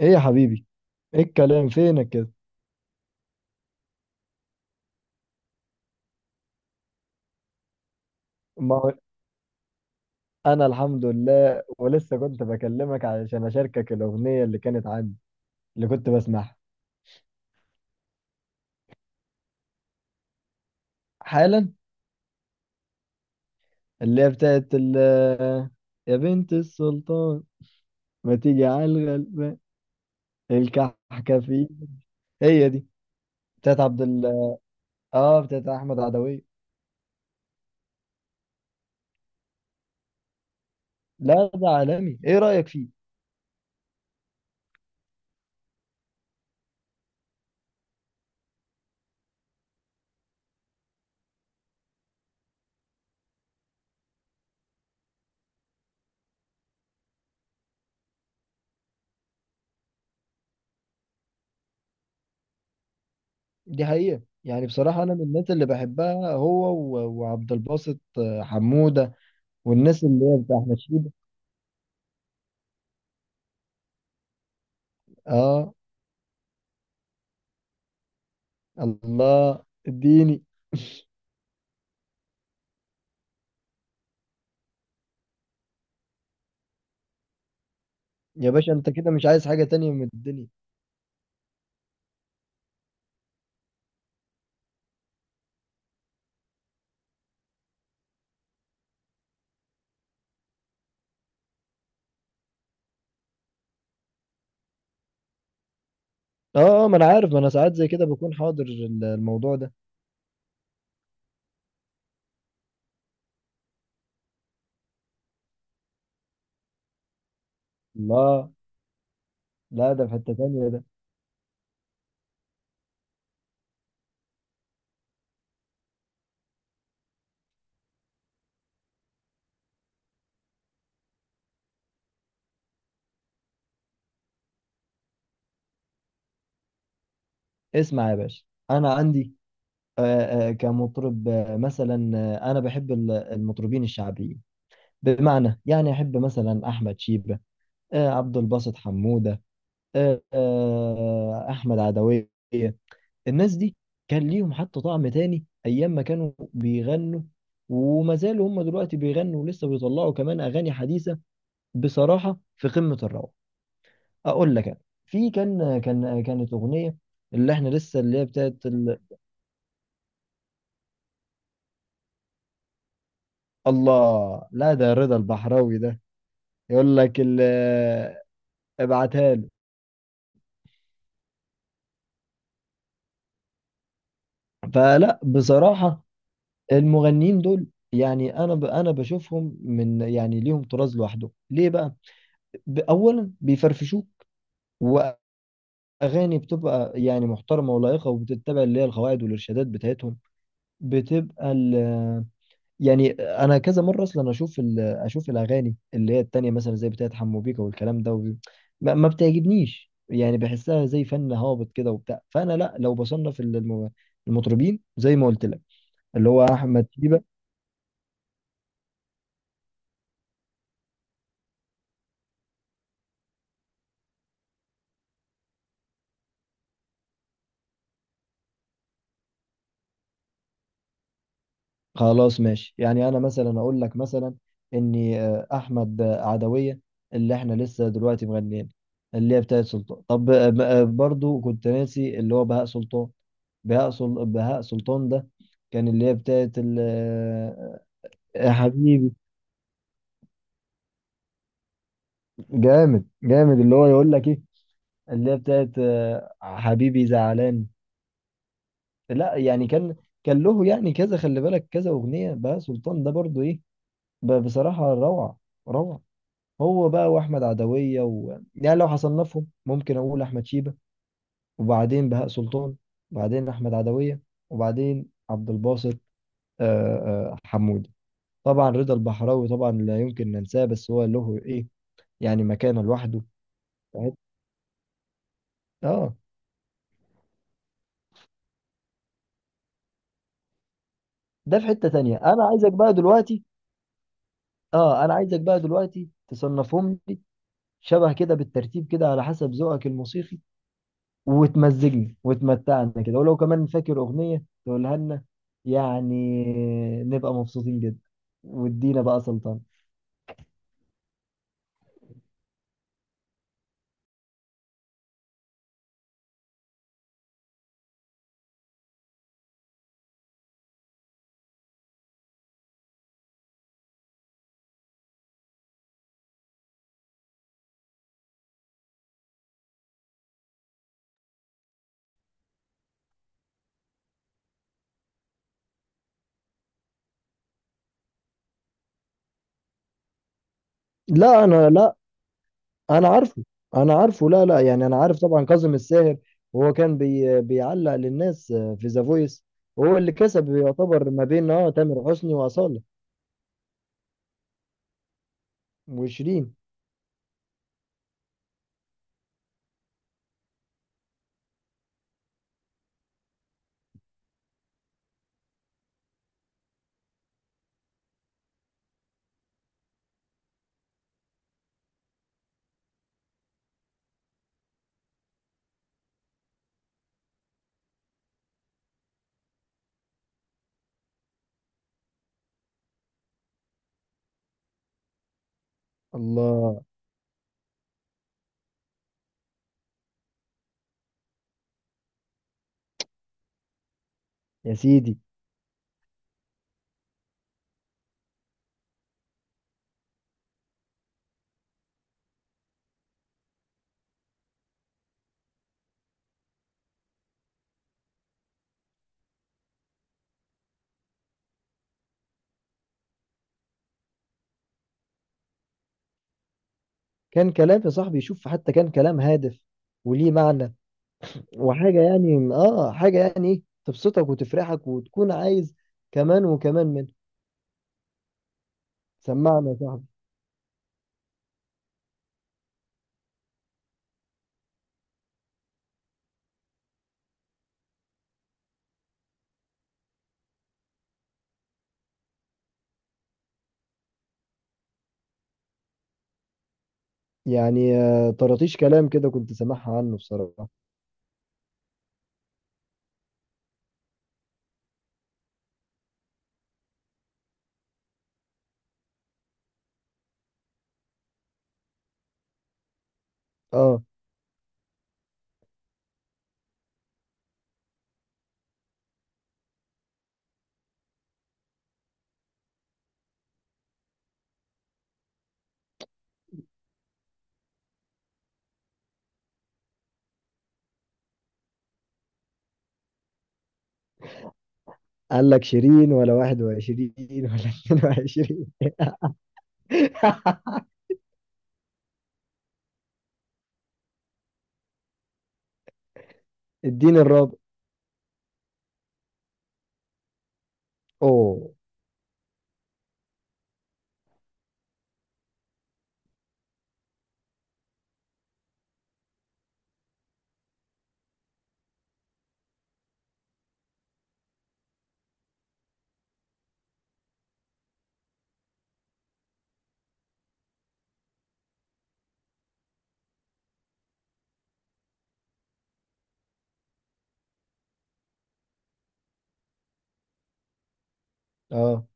ايه يا حبيبي؟ ايه الكلام فينك كده؟ ما هو انا الحمد لله، ولسه كنت بكلمك علشان اشاركك الاغنيه اللي كانت عندي، اللي كنت بسمعها حالا. اللي هي بتاعت ال يا بنت السلطان، ما تيجي على الغلبان، الكحكفي. هي دي بتاعت عبد ال، اه بتاعت احمد عدويه. لا ده عالمي، ايه رايك فيه؟ دي حقيقه، يعني بصراحه انا من الناس اللي بحبها هو و- وعبد الباسط حموده، والناس اللي هي بتاع احمد شيبه. اه الله اديني. يا باشا انت كده مش عايز حاجة تانية من الدنيا. اه اه، ما انا عارف، ما انا ساعات زي كده بكون حاضر الموضوع ده. الله، لا ده في حتة تانية ده. اسمع يا باشا، انا عندي كمطرب، مثلا انا بحب المطربين الشعبيين، بمعنى يعني احب مثلا احمد شيبة، عبد الباسط حمودة، احمد عدوية. الناس دي كان ليهم حتى طعم تاني ايام ما كانوا بيغنوا، وما زالوا هم دلوقتي بيغنوا، ولسه بيطلعوا كمان اغاني حديثه، بصراحه في قمه الروعه. اقول لك في كان كانت اغنيه اللي احنا لسه اللي هي بتاعت ال... الله، لا ده رضا البحراوي ده يقول لك ال... ابعتها له. فلا بصراحه المغنيين دول، يعني انا ب... انا بشوفهم من، يعني ليهم طراز لوحده. ليه بقى؟ اولا بيفرفشوك، اغاني بتبقى يعني محترمه ولائقه، وبتتبع اللي هي القواعد والارشادات بتاعتهم، بتبقى ال، يعني انا كذا مره اصلا اشوف ال اشوف الاغاني اللي هي التانية مثلا زي بتاعت حمو بيكا والكلام ده، وب... ما بتعجبنيش، يعني بحسها زي فن هابط كده وبتاع. فانا لا، لو بصنف المطربين زي ما قلت لك، اللي هو احمد شيبة. خلاص ماشي، يعني انا مثلا اقول لك، مثلا اني احمد عدوية اللي احنا لسه دلوقتي مغنيين، اللي هي بتاعت سلطان. طب برضو كنت ناسي اللي هو بهاء سلطان. بهاء سلطان ده كان اللي هي بتاعت ال... يا حبيبي، جامد جامد. اللي هو يقول لك ايه؟ اللي هي بتاعت حبيبي زعلان. لا يعني كان له يعني كذا، خلي بالك كذا اغنية. بهاء سلطان ده برضو ايه؟ بصراحة روعة، روعة. هو بقى واحمد عدويه و... يعني لو حصنفهم ممكن اقول احمد شيبه، وبعدين بهاء سلطان، وبعدين احمد عدويه، وبعدين عبد الباسط، آه، حمودي. طبعا رضا البحراوي طبعا لا يمكن ننساه، بس هو له ايه؟ يعني مكانه لوحده. في حت- اه، ده في حته تانية. انا عايزك بقى دلوقتي، اه انا عايزك بقى دلوقتي تصنفهم لي شبه كده بالترتيب كده، على حسب ذوقك الموسيقي، وتمزجني وتمتعنا كده، ولو كمان فاكر أغنية تقولها لنا، يعني نبقى مبسوطين جدا، وادينا بقى سلطان. لا انا لا، انا عارفه، انا عارفه، لا لا، يعني انا عارف طبعا كاظم الساهر، وهو كان بيعلق للناس في ذا فويس، وهو اللي كسب، يعتبر ما بين اه تامر حسني واصاله وشيرين. الله، يا سيدي، كان كلام يا صاحبي، شوف حتى كان كلام هادف وليه معنى، وحاجة يعني اه حاجة يعني ايه، تبسطك وتفرحك وتكون عايز كمان وكمان منها. سمعنا يا صاحبي. يعني آه طراطيش كلام كده كنت سامعها عنه بصراحة. اه قال لك شيرين ولا واحد وعشرين ولا اتنين وعشرين؟ الدين الرابع. اوه، اه.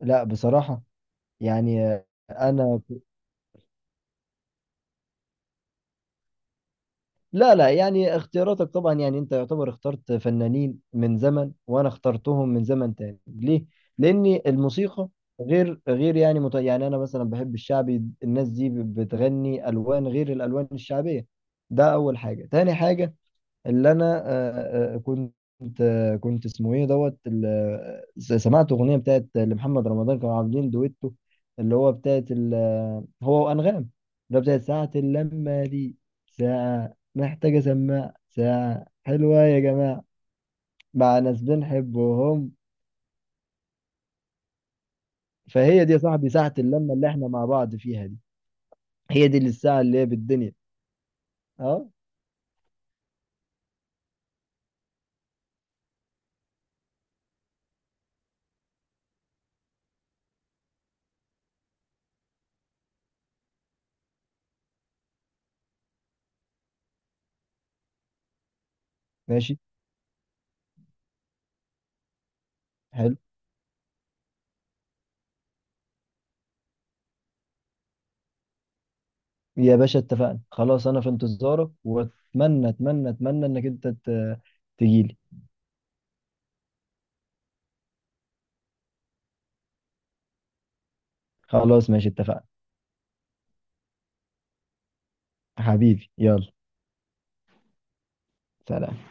لا بصراحة، يعني انا، لا لا، يعني اختياراتك طبعا، يعني انت يعتبر اخترت فنانين من زمن، وانا اخترتهم من زمن تاني. ليه؟ لان الموسيقى غير يعني مت... يعني انا مثلا بحب الشعبي، الناس دي بتغني الوان غير الالوان الشعبيه. ده اول حاجه. تاني حاجه، اللي انا كنت كنت اسمه ايه دوت سمعت اغنيه بتاعت لمحمد رمضان كانوا عاملين دويتو، اللي هو بتاعت هو وانغام، اللي هو بتاعت ساعه اللمه دي، ساعه محتاجه سماع، ساعه حلوه يا جماعه مع ناس بنحبهم. فهي دي يا صاحبي ساعه اللمه اللي احنا مع بعض فيها دي، هي دي الساعه اللي هي بالدنيا. اه، ماشي، حلو. يا باشا اتفقنا، خلاص انا في انتظارك، واتمنى اتمنى اتمنى انك انت تجيلي. خلاص ماشي اتفقنا. حبيبي يلا، سلام.